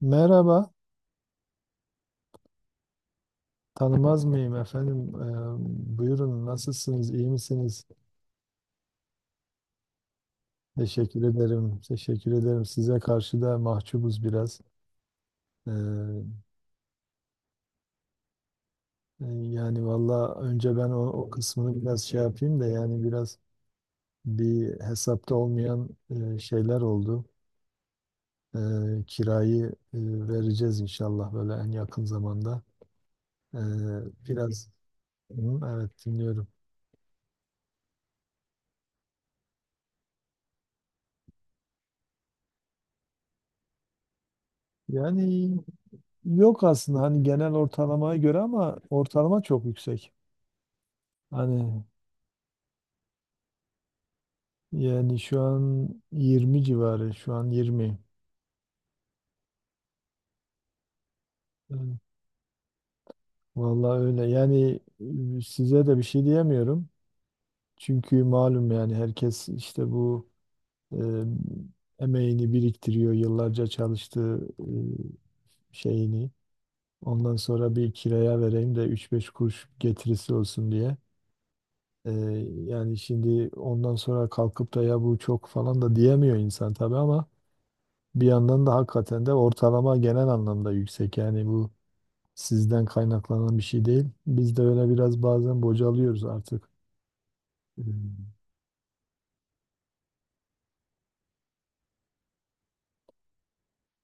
Merhaba, tanımaz mıyım efendim? Buyurun, nasılsınız, iyi misiniz? Teşekkür ederim, teşekkür ederim. Size karşı da mahcubuz biraz. Ee, yani valla önce ben o kısmını biraz şey yapayım da yani biraz bir hesapta olmayan şeyler oldu. Ee, Kirayı e, vereceğiz inşallah böyle en yakın zamanda. Ee, biraz, Hı, evet dinliyorum. Yani Yok aslında hani genel ortalamaya göre ama ortalama çok yüksek. Hani Yani şu an 20 civarı, şu an 20. Yani Vallahi öyle. Yani size de bir şey diyemiyorum. Çünkü malum yani herkes işte bu e, emeğini biriktiriyor, yıllarca çalıştığı şeyini. Ondan sonra bir kiraya vereyim de 3-5 kuruş getirisi olsun diye. Ee, Yani şimdi ondan sonra kalkıp da ya bu çok falan da diyemiyor insan tabii ama bir yandan da hakikaten de ortalama genel anlamda yüksek. Yani bu sizden kaynaklanan bir şey değil. Biz de öyle biraz bazen bocalıyoruz artık. Hmm.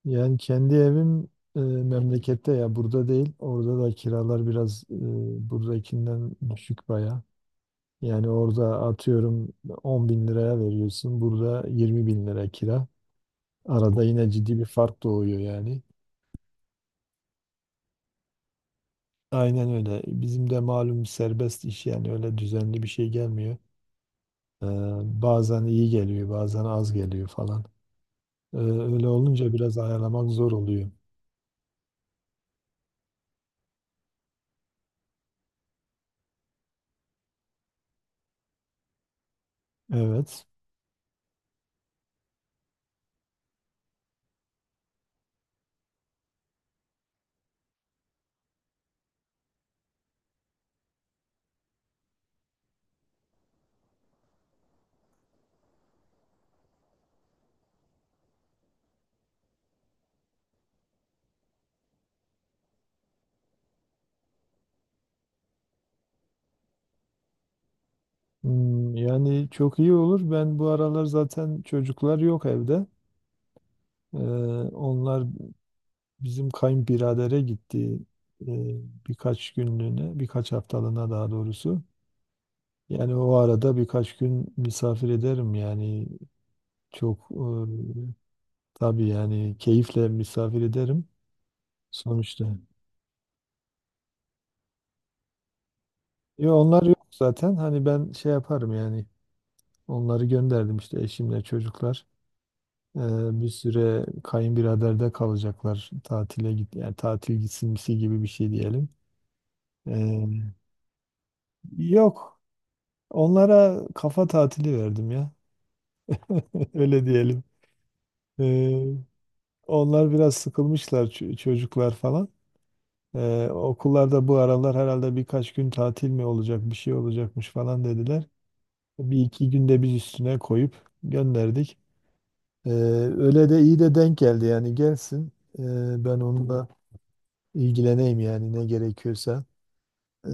Yani kendi evim memlekette ya, burada değil. Orada da kiralar biraz buradakinden düşük baya. Yani orada atıyorum 10 bin liraya veriyorsun. Burada 20 bin lira kira. Arada yine ciddi bir fark doğuyor yani. Aynen öyle. Bizim de malum serbest iş yani öyle düzenli bir şey gelmiyor. Ee, Bazen iyi geliyor, bazen az geliyor falan. Öyle olunca biraz ayarlamak zor oluyor. Evet. Hmm, yani çok iyi olur. Ben bu aralar zaten çocuklar yok evde. Ee, onlar bizim kayınbiradere gitti ee, birkaç günlüğüne, birkaç haftalığına daha doğrusu. Yani o arada birkaç gün misafir ederim yani çok e, tabii yani keyifle misafir ederim sonuçta. Yo, onlar yok zaten. Hani ben şey yaparım yani. Onları gönderdim işte eşimle çocuklar. Ee, Bir süre kayınbiraderde kalacaklar. Tatile git yani tatil gitsinmesi gibi bir şey diyelim. Ee, Yok. Onlara kafa tatili verdim ya. Öyle diyelim. Ee, onlar biraz sıkılmışlar çocuklar falan. Okullarda bu aralar herhalde birkaç gün tatil mi olacak, bir şey olacakmış falan dediler. Bir iki günde biz üstüne koyup gönderdik. Ee, Öyle de iyi de denk geldi yani gelsin. Ben onunla ilgileneyim yani ne gerekiyorsa. Ee,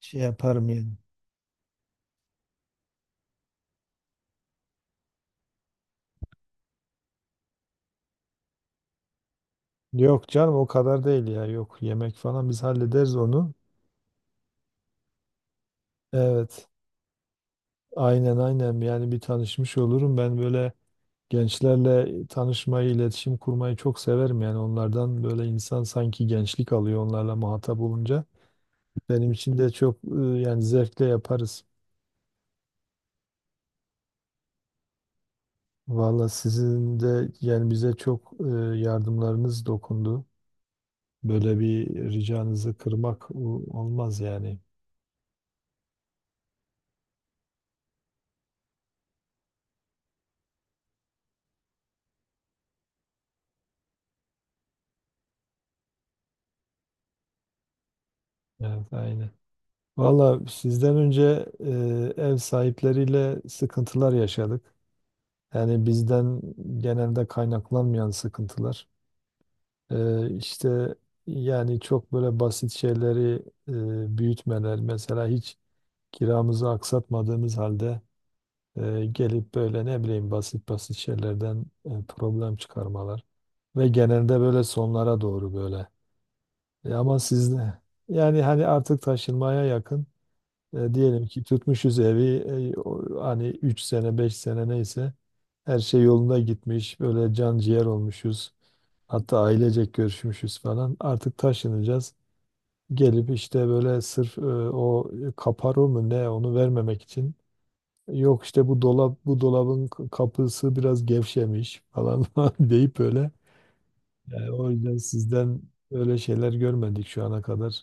Şey yaparım yani. Yok canım o kadar değil ya. Yok yemek falan biz hallederiz onu. Evet. Aynen aynen yani bir tanışmış olurum. Ben böyle gençlerle tanışmayı, iletişim kurmayı çok severim yani onlardan böyle insan sanki gençlik alıyor onlarla muhatap olunca. Benim için de yani zevkle yaparız. Valla sizin de yani bize çok yardımlarınız dokundu. Böyle bir ricanızı kırmak olmaz yani. Evet, aynen. Valla sizden önce ev sahipleriyle sıkıntılar yaşadık. Yani bizden genelde kaynaklanmayan sıkıntılar. İşte yani çok böyle basit şeyleri büyütmeler. Mesela hiç kiramızı aksatmadığımız halde, gelip böyle ne bileyim basit basit şeylerden problem çıkarmalar ve genelde böyle sonlara doğru böyle. Ama sizde yani hani artık taşınmaya yakın, diyelim ki tutmuşuz evi, hani 3 sene 5 sene neyse her şey yolunda gitmiş böyle can ciğer olmuşuz. Hatta ailecek görüşmüşüz falan. Artık taşınacağız. Gelip işte böyle sırf o kaparo mu ne onu vermemek için, yok işte bu dolap bu dolabın kapısı biraz gevşemiş falan falan deyip böyle. Yani o yüzden sizden öyle şeyler görmedik şu ana kadar.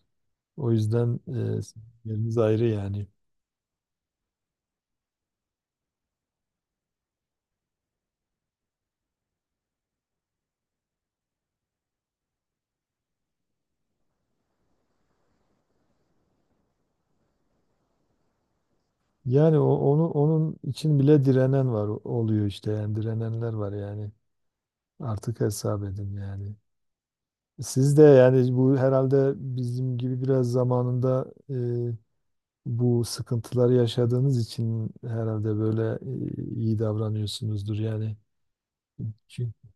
O yüzden sizin yeriniz ayrı yani. Yani onu onun için bile direnen var oluyor işte yani direnenler var yani. Artık hesap edin yani. Siz de yani bu herhalde bizim gibi biraz zamanında bu sıkıntıları yaşadığınız için herhalde böyle iyi davranıyorsunuzdur yani. Çünkü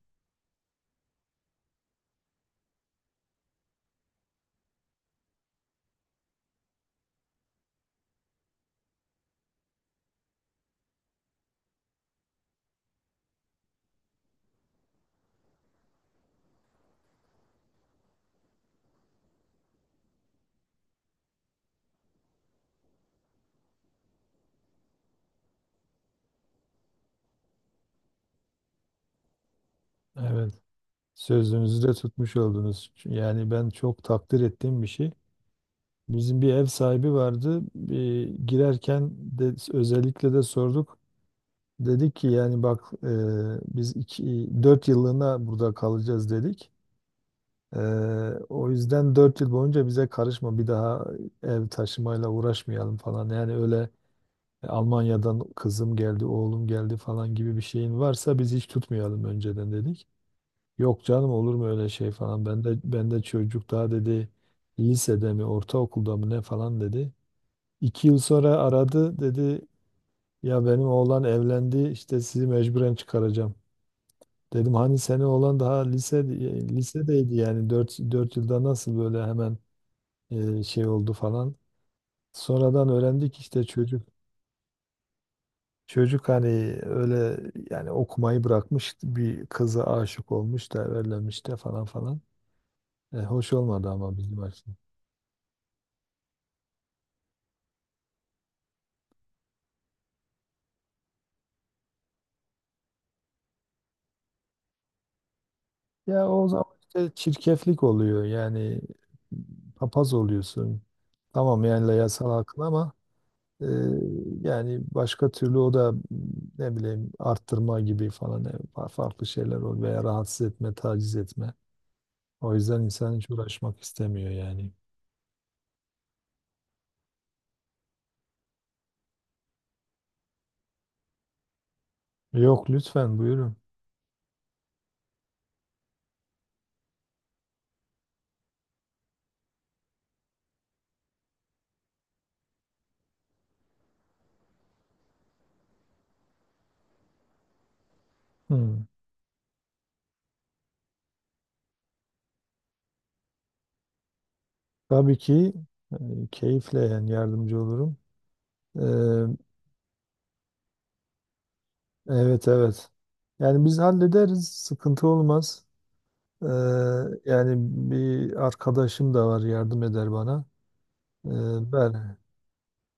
evet. Sözünüzü de tutmuş oldunuz. Yani ben çok takdir ettiğim bir şey. Bizim bir ev sahibi vardı. Bir girerken de özellikle de sorduk. Dedik ki yani bak biz iki, dört yıllığına burada kalacağız dedik. E, O yüzden 4 yıl boyunca bize karışma bir daha ev taşımayla uğraşmayalım falan. Yani öyle "E, Almanya'dan kızım geldi, oğlum geldi falan gibi bir şeyin varsa biz hiç tutmayalım önceden dedik. Yok canım olur mu öyle şey falan. Ben de çocuk daha dedi, lisede mi ortaokulda mı ne falan dedi. İki yıl sonra aradı dedi ya benim oğlan evlendi işte sizi mecburen çıkaracağım. Dedim hani senin oğlan daha lisedeydi yani dört yılda nasıl böyle hemen şey oldu falan. Sonradan öğrendik işte çocuk hani öyle yani okumayı bırakmış bir kıza aşık olmuş da evlenmiş de falan falan. Hoş olmadı ama bizim açımızdan. Ya o zaman işte çirkeflik oluyor yani papaz oluyorsun. Tamam yani yasal hakkın ama e, yani başka türlü o da ne bileyim arttırma gibi falan farklı şeyler oluyor veya rahatsız etme, taciz etme. O yüzden insan hiç uğraşmak istemiyor yani. Yok lütfen buyurun. Hmm. Tabii ki e, keyifle yani yardımcı olurum. E, evet evet. Yani biz hallederiz, sıkıntı olmaz. Ee, Yani bir arkadaşım da var yardım eder bana. Ben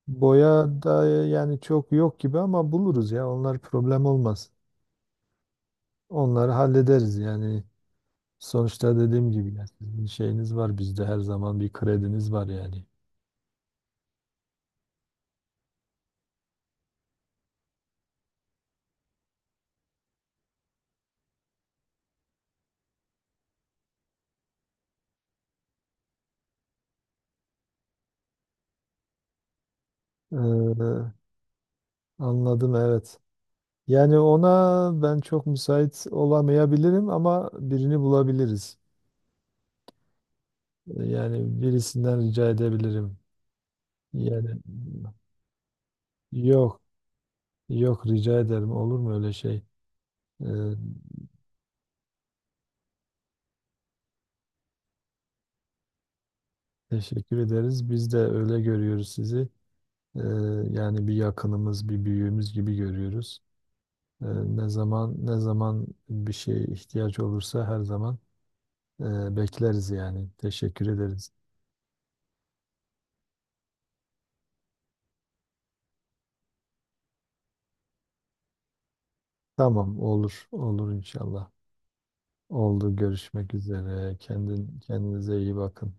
boya da yani çok yok gibi ama buluruz ya. Onlar problem olmaz. Onları hallederiz yani. Sonuçta dediğim gibi ya, sizin şeyiniz var bizde her zaman bir krediniz var yani. Ee, Anladım evet. Yani ona ben çok müsait olamayabilirim ama birini bulabiliriz. Yani birisinden rica edebilirim. Yani Yok, yok rica ederim. Olur mu öyle şey? Ee, Teşekkür ederiz. Biz de öyle görüyoruz sizi. Ee, Yani bir yakınımız, bir büyüğümüz gibi görüyoruz. Ee, Ne zaman ne zaman bir şeye ihtiyaç olursa her zaman bekleriz yani. Teşekkür ederiz. Tamam, olur, olur inşallah. Oldu. Görüşmek üzere. Kendin kendinize iyi bakın.